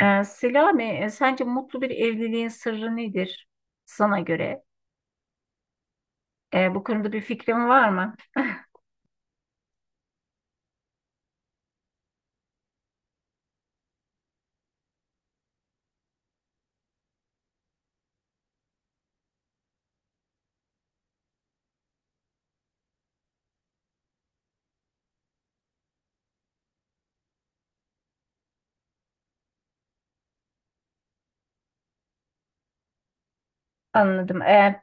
Selami, sence mutlu bir evliliğin sırrı nedir sana göre? Bu konuda bir fikrin var mı? Anladım. Ee,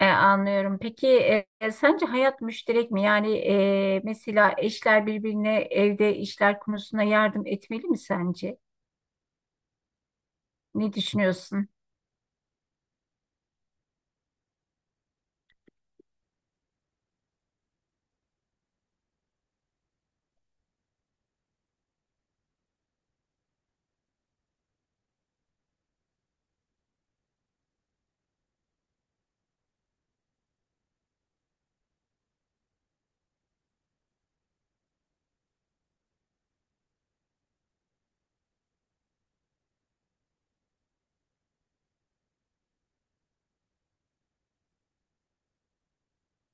e, Anlıyorum. Peki sence hayat müşterek mi? Yani mesela eşler birbirine evde işler konusunda yardım etmeli mi sence? Ne düşünüyorsun?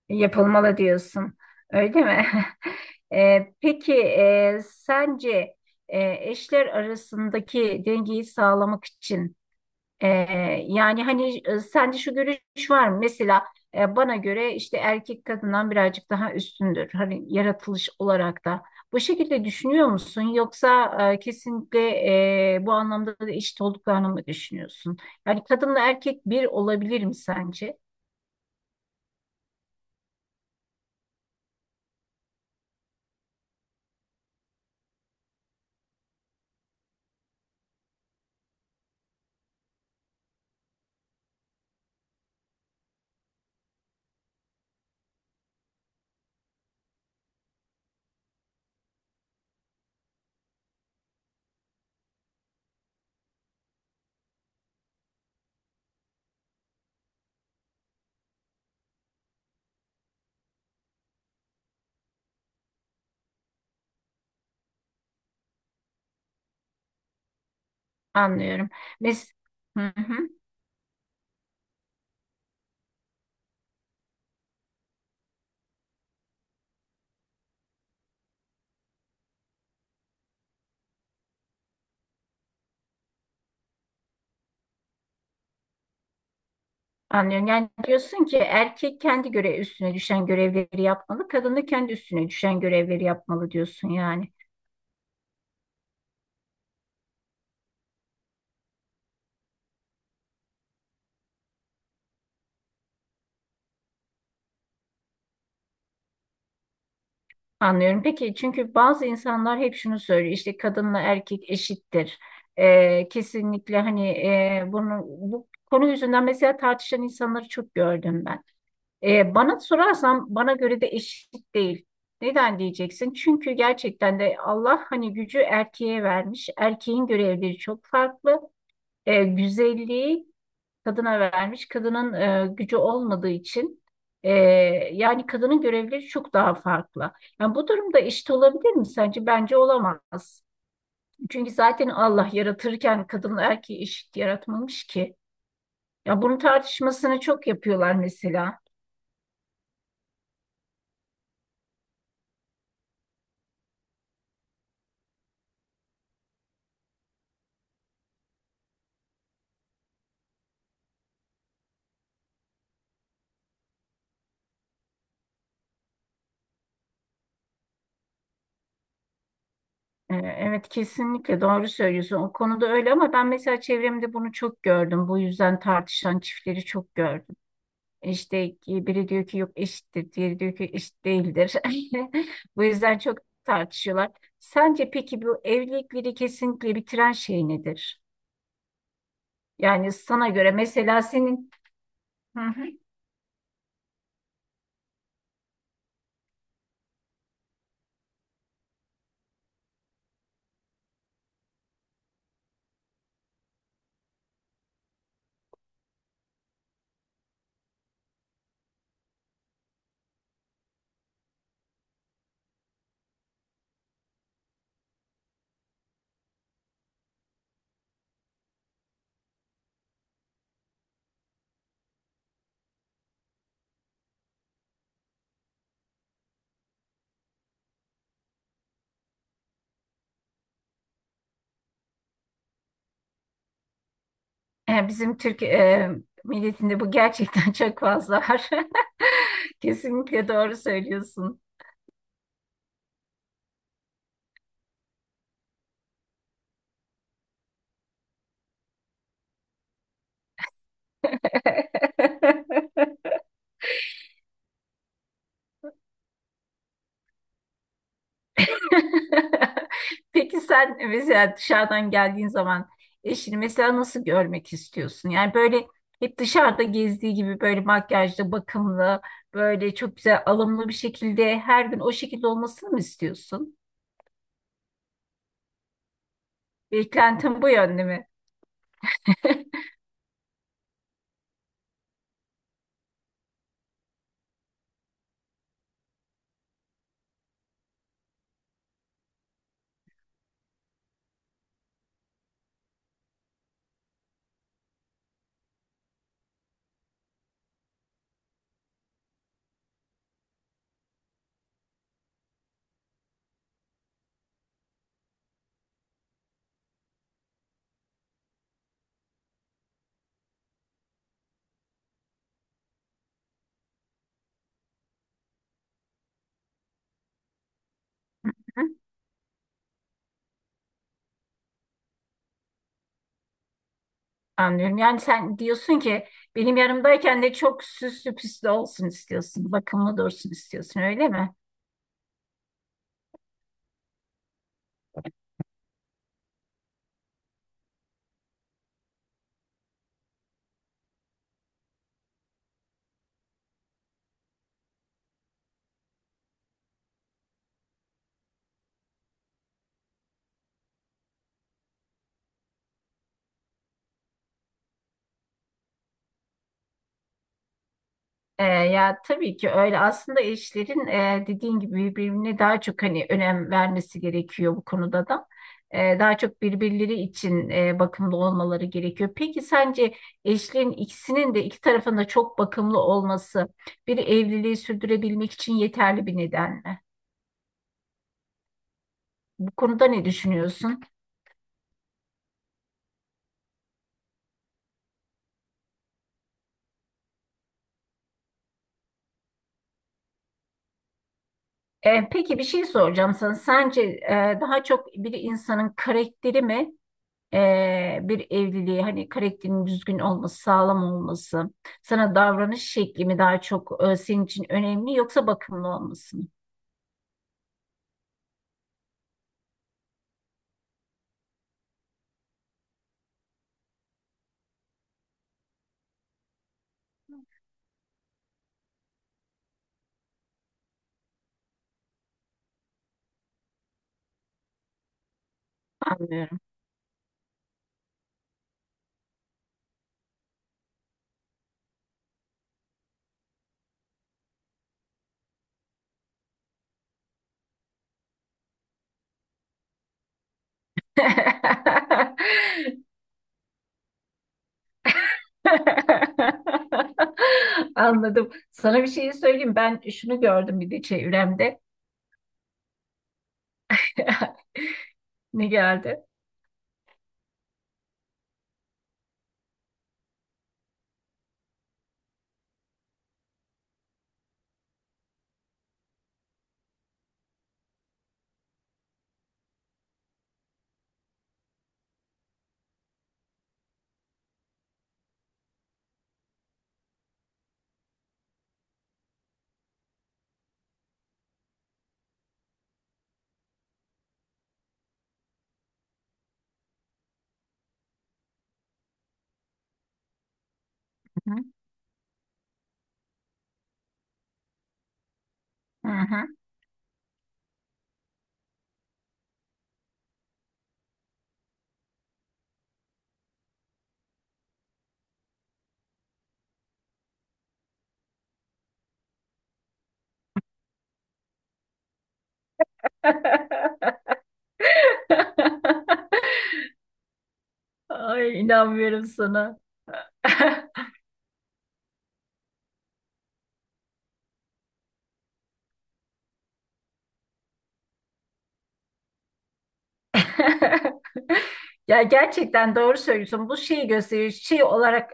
Yapılmalı diyorsun. Öyle mi? Peki sence eşler arasındaki dengeyi sağlamak için Ee, yani hani sende şu görüş var mı? Mesela bana göre işte erkek kadından birazcık daha üstündür. Hani yaratılış olarak da. Bu şekilde düşünüyor musun? Yoksa kesinlikle bu anlamda da eşit olduklarını mı düşünüyorsun? Yani kadınla erkek bir olabilir mi sence? Anlıyorum. Mes hı hı, anlıyorum. Yani diyorsun ki erkek kendi göre üstüne düşen görevleri yapmalı, kadın da kendi üstüne düşen görevleri yapmalı diyorsun yani. Anlıyorum. Peki çünkü bazı insanlar hep şunu söylüyor işte kadınla erkek eşittir. Kesinlikle hani bunu bu konu yüzünden mesela tartışan insanları çok gördüm ben. Bana sorarsan bana göre de eşit değil. Neden diyeceksin? Çünkü gerçekten de Allah hani gücü erkeğe vermiş. Erkeğin görevleri çok farklı. Güzelliği kadına vermiş. Kadının gücü olmadığı için e, yani kadının görevleri çok daha farklı. Yani bu durumda eşit olabilir mi sence? Bence olamaz. Çünkü zaten Allah yaratırken kadın erkeği eşit yaratmamış ki. Ya bunun tartışmasını çok yapıyorlar mesela. Evet kesinlikle doğru söylüyorsun. O konuda öyle ama ben mesela çevremde bunu çok gördüm. Bu yüzden tartışan çiftleri çok gördüm. İşte ki biri diyor ki yok eşittir, diğeri diyor ki eşit değildir. Bu yüzden çok tartışıyorlar. Sence peki bu evlilikleri kesinlikle bitiren şey nedir? Yani sana göre mesela senin Hı hı. Bizim Türk milletinde bu gerçekten çok fazla var. Kesinlikle doğru söylüyorsun. Peki sen mesela dışarıdan geldiğin zaman eşini mesela nasıl görmek istiyorsun? Yani böyle hep dışarıda gezdiği gibi böyle makyajlı, bakımlı, böyle çok güzel alımlı bir şekilde her gün o şekilde olmasını mı istiyorsun? Beklentin bu yönde mi? Anlıyorum. Yani sen diyorsun ki benim yanımdayken de çok süslü püslü olsun istiyorsun. Bakımlı dursun istiyorsun öyle mi? Ya tabii ki öyle. Aslında eşlerin dediğin gibi birbirine daha çok hani önem vermesi gerekiyor bu konuda da. Daha çok birbirleri için bakımlı olmaları gerekiyor. Peki sence eşlerin ikisinin de iki tarafında çok bakımlı olması bir evliliği sürdürebilmek için yeterli bir neden mi? Bu konuda ne düşünüyorsun? Peki bir şey soracağım sana. Sence daha çok bir insanın karakteri mi? Bir evliliği hani karakterin düzgün olması, sağlam olması, sana davranış şekli mi daha çok senin için önemli yoksa bakımlı olması mı? Anlıyorum. Anladım. Sana bir şey söyleyeyim. Ben şunu gördüm bir de çevremde. Ne geldi? Hı hı. Hı hı. Ay inanmıyorum sana. Ya gerçekten doğru söylüyorsun. Bu şeyi gösteriyor, şey olarak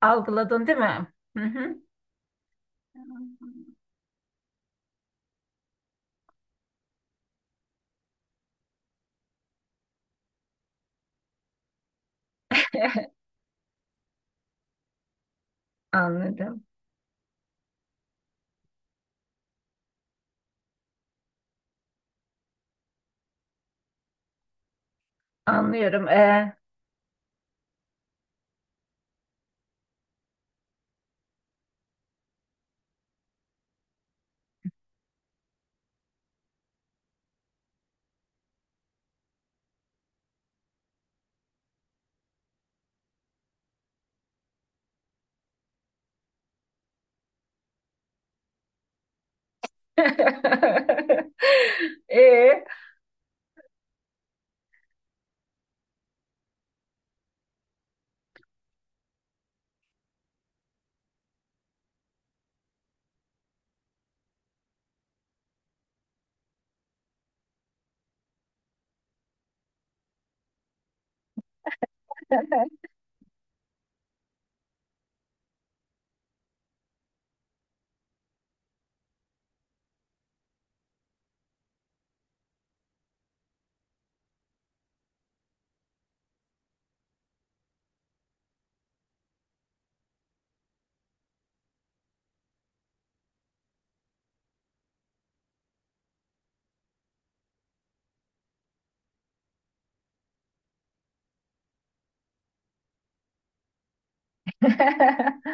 algıladın değil mi? Hı hı. Anladım. Anlıyorum. Ee?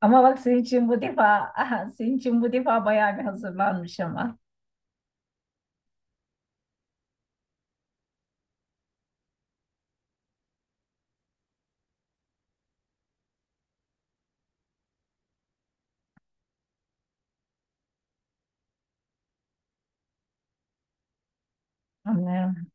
Ama bak senin için bu defa aha, senin için bu defa bayağı bir hazırlanmış ama. Anlıyorum.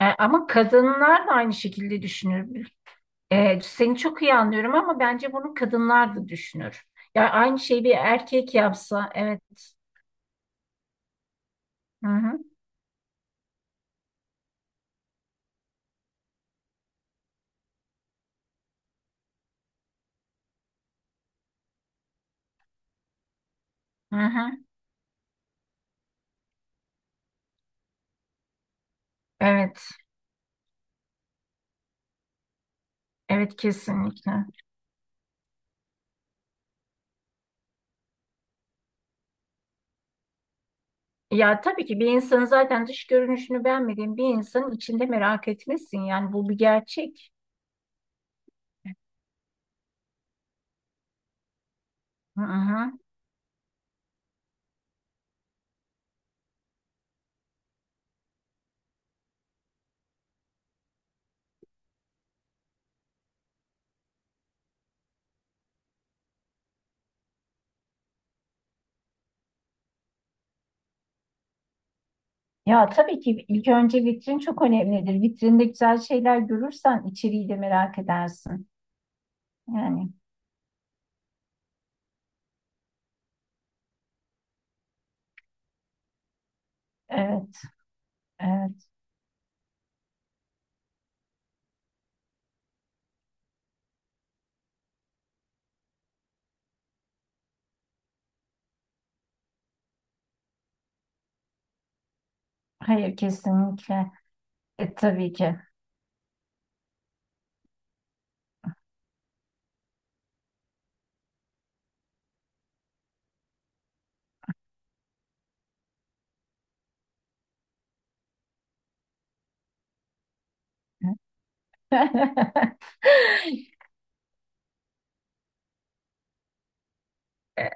Ama kadınlar da aynı şekilde düşünür. Seni çok iyi anlıyorum ama bence bunu kadınlar da düşünür. Ya aynı şeyi bir erkek yapsa, evet. Hı hı, hı hı. Evet, evet kesinlikle. Ya tabii ki bir insanın zaten dış görünüşünü beğenmediğin bir insanın içinde merak etmesin. Yani bu bir gerçek. Hı hı. Ya tabii ki ilk önce vitrin çok önemlidir. Vitrinde güzel şeyler görürsen içeriği de merak edersin. Yani evet, evet. Hayır kesinlikle. Tabii ki. E,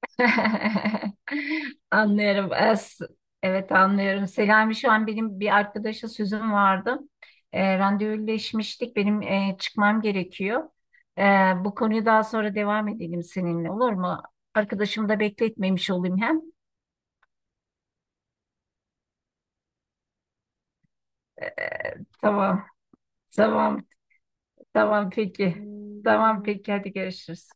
anlıyorum. Evet anlıyorum. Selami şu an benim bir arkadaşa sözüm vardı. Randevuleşmiştik. Benim çıkmam gerekiyor. E, bu konuyu daha sonra devam edelim seninle olur mu? Arkadaşımı da bekletmemiş olayım hem. Tamam. Tamam. Tamam peki. Tamam peki. Hadi görüşürüz.